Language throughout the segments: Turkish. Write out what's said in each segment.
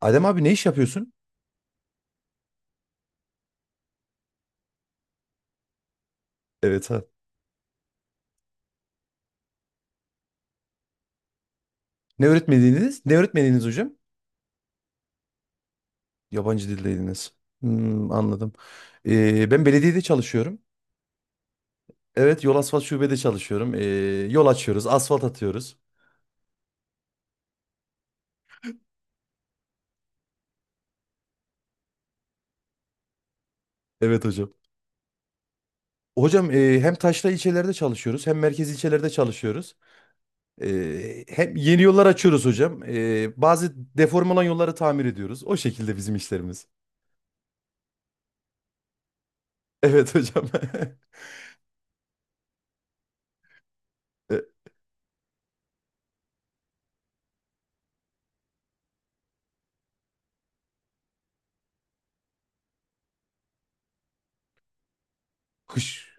Adem abi ne iş yapıyorsun? Evet, ha. Ne öğretmeniydiniz? Ne öğretmeniydiniz hocam? Yabancı dildeydiniz. Hmm, anladım. Ben belediyede çalışıyorum. Evet, yol asfalt şubede çalışıyorum. Yol açıyoruz, asfalt atıyoruz. Evet hocam. Hocam e, hem taşra ilçelerde çalışıyoruz hem merkez ilçelerde çalışıyoruz. Hem yeni yollar açıyoruz hocam. Bazı deform olan yolları tamir ediyoruz. O şekilde bizim işlerimiz. Evet hocam. E, Kış.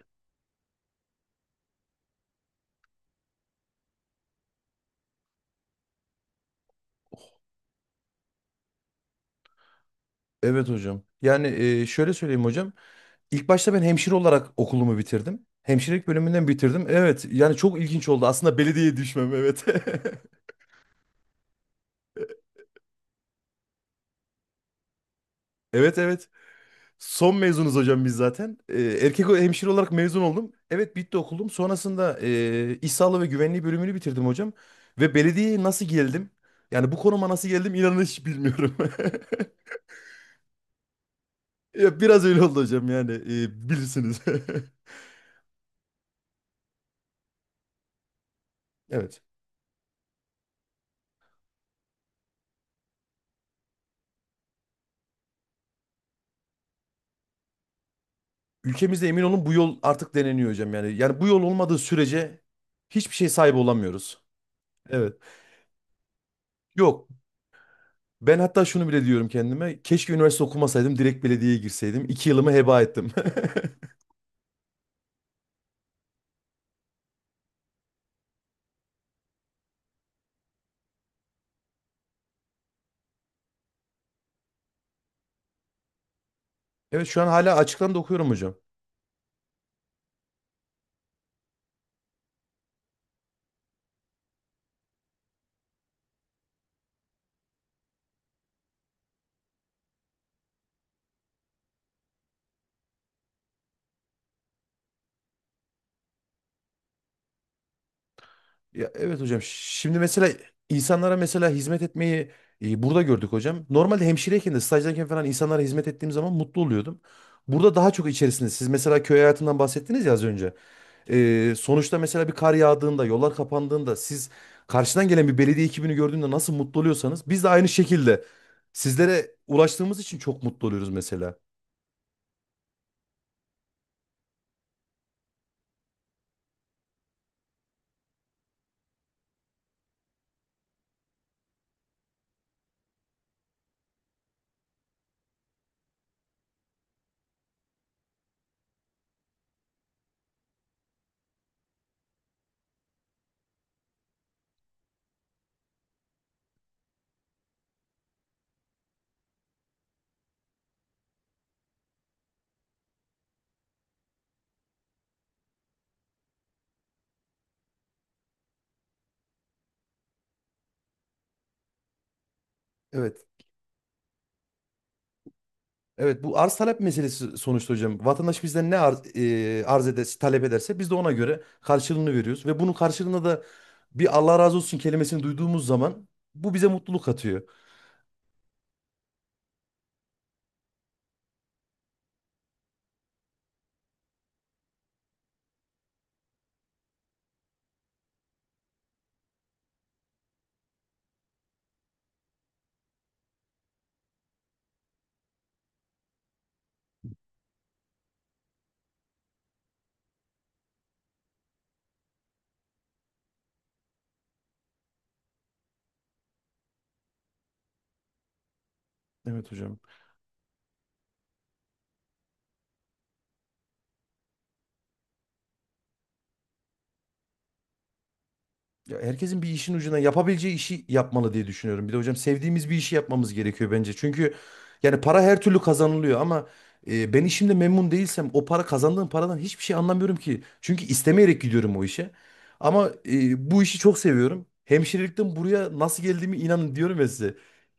Evet hocam. Yani şöyle söyleyeyim hocam. İlk başta ben hemşire olarak okulumu bitirdim. Hemşirelik bölümünden bitirdim. Evet, yani çok ilginç oldu. Aslında belediyeye düşmem, evet. Evet, evet. Son mezunuz hocam biz zaten. Erkek hemşire olarak mezun oldum. Evet, bitti okulum. Sonrasında iş sağlığı ve güvenliği bölümünü bitirdim hocam. Ve belediyeye nasıl geldim? Yani bu konuma nasıl geldim, inanın hiç bilmiyorum. Ya biraz öyle oldu hocam, yani bilirsiniz. Evet. Ülkemizde emin olun bu yol artık deneniyor hocam, yani. Yani bu yol olmadığı sürece hiçbir şey sahibi olamıyoruz. Evet. Yok. Ben hatta şunu bile diyorum kendime: keşke üniversite okumasaydım, direkt belediyeye girseydim. İki yılımı heba ettim. Evet, şu an hala açıktan da okuyorum hocam. Ya evet hocam. Şimdi mesela insanlara mesela hizmet etmeyi burada gördük hocam. Normalde hemşireyken de stajdayken falan insanlara hizmet ettiğim zaman mutlu oluyordum. Burada daha çok içerisinde. Siz mesela köy hayatından bahsettiniz ya az önce. Sonuçta mesela bir kar yağdığında, yollar kapandığında siz karşıdan gelen bir belediye ekibini gördüğünde nasıl mutlu oluyorsanız biz de aynı şekilde sizlere ulaştığımız için çok mutlu oluyoruz mesela. Evet. Evet, bu arz talep meselesi sonuçta hocam. Vatandaş bizden ne arz, arz ederse, talep ederse biz de ona göre karşılığını veriyoruz. Ve bunun karşılığında da bir Allah razı olsun kelimesini duyduğumuz zaman bu bize mutluluk katıyor. Evet hocam. Ya herkesin bir işin ucuna yapabileceği işi yapmalı diye düşünüyorum. Bir de hocam sevdiğimiz bir işi yapmamız gerekiyor bence. Çünkü yani para her türlü kazanılıyor ama ben işimde memnun değilsem o para kazandığım paradan hiçbir şey anlamıyorum ki. Çünkü istemeyerek gidiyorum o işe. Ama bu işi çok seviyorum. Hemşirelikten buraya nasıl geldiğimi inanın diyorum ya size.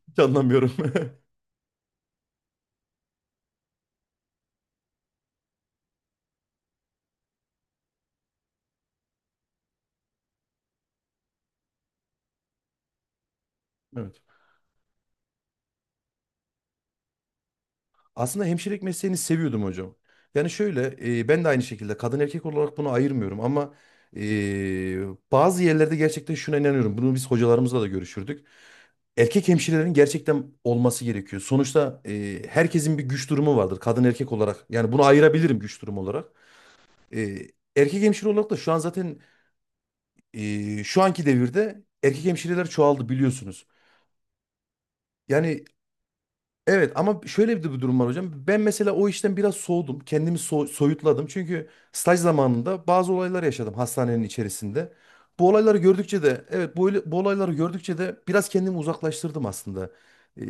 Hiç anlamıyorum. Evet. Aslında hemşirelik mesleğini seviyordum hocam. Yani şöyle ben de aynı şekilde kadın erkek olarak bunu ayırmıyorum ama e, bazı yerlerde gerçekten şuna inanıyorum. Bunu biz hocalarımızla da görüşürdük. Erkek hemşirelerin gerçekten olması gerekiyor. Sonuçta herkesin bir güç durumu vardır kadın erkek olarak. Yani bunu ayırabilirim güç durumu olarak. E, Erkek hemşire olarak da şu an zaten şu anki devirde erkek hemşireler çoğaldı biliyorsunuz. Yani evet, ama şöyle bir de bir durum var hocam. Ben mesela o işten biraz soğudum. Kendimi soyutladım. Çünkü staj zamanında bazı olaylar yaşadım hastanenin içerisinde. Bu olayları gördükçe de evet, bu olayları gördükçe de biraz kendimi uzaklaştırdım aslında. Ee,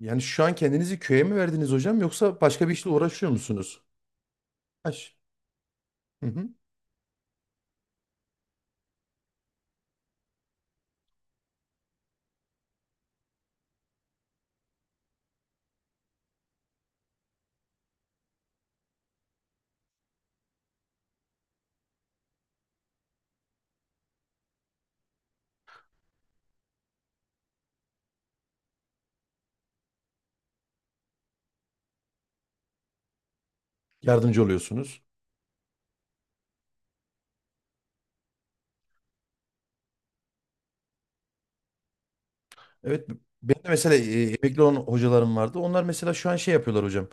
Yani şu an kendinizi köye mi verdiniz hocam, yoksa başka bir işle uğraşıyor musunuz? Aş. Hı hı. Yardımcı oluyorsunuz. Evet, benim de mesela emekli olan hocalarım vardı. Onlar mesela şu an şey yapıyorlar hocam.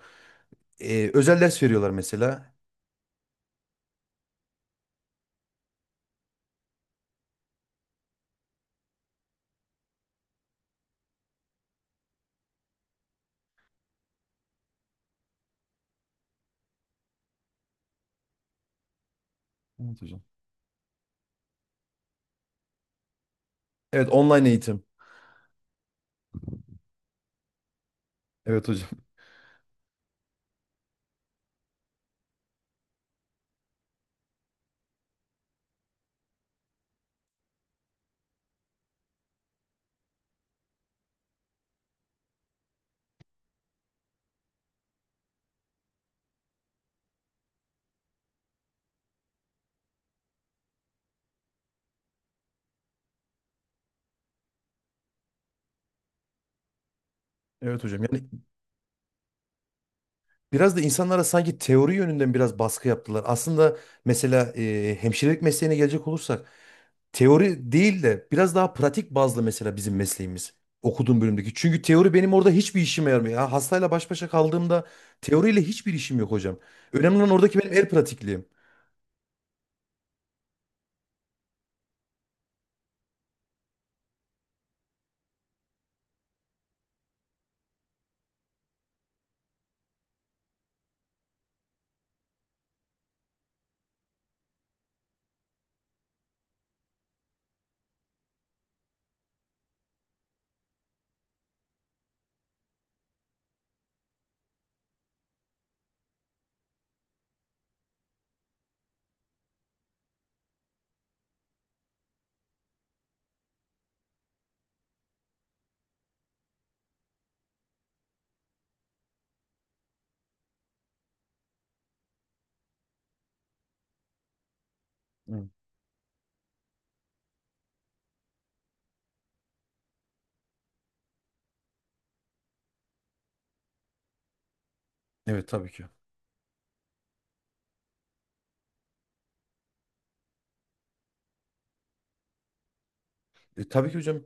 Özel ders veriyorlar mesela. Evet hocam. Evet, online eğitim. Evet hocam. Evet hocam, yani biraz da insanlara sanki teori yönünden biraz baskı yaptılar. Aslında mesela hemşirelik mesleğine gelecek olursak teori değil de biraz daha pratik bazlı mesela bizim mesleğimiz. Okuduğum bölümdeki. Çünkü teori benim orada hiçbir işime yaramıyor. Ya hastayla baş başa kaldığımda teoriyle hiçbir işim yok hocam. Önemli olan oradaki benim el pratikliğim. Hı. Evet, tabii ki. Tabii ki hocam.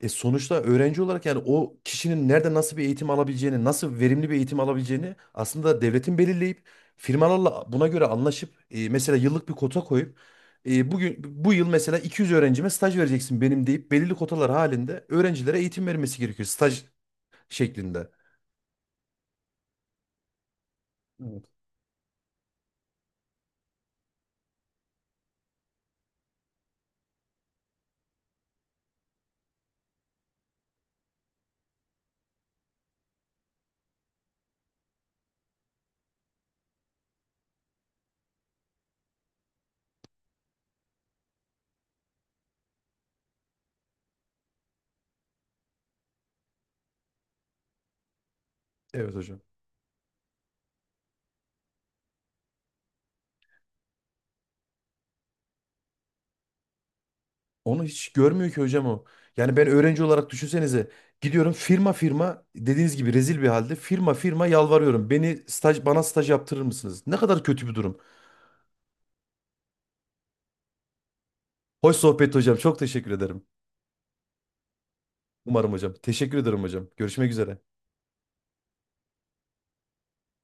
E sonuçta öğrenci olarak yani o kişinin nerede nasıl bir eğitim alabileceğini, nasıl verimli bir eğitim alabileceğini aslında devletin belirleyip firmalarla buna göre anlaşıp mesela yıllık bir kota koyup bugün bu yıl mesela 200 öğrencime staj vereceksin benim deyip belirli kotalar halinde öğrencilere eğitim vermesi gerekiyor staj şeklinde. Evet. Evet hocam. Onu hiç görmüyor ki hocam o. Yani ben öğrenci olarak düşünsenize, gidiyorum firma firma dediğiniz gibi, rezil bir halde firma firma yalvarıyorum. Beni staj, bana staj yaptırır mısınız? Ne kadar kötü bir durum. Hoş sohbet hocam. Çok teşekkür ederim. Umarım hocam. Teşekkür ederim hocam. Görüşmek üzere.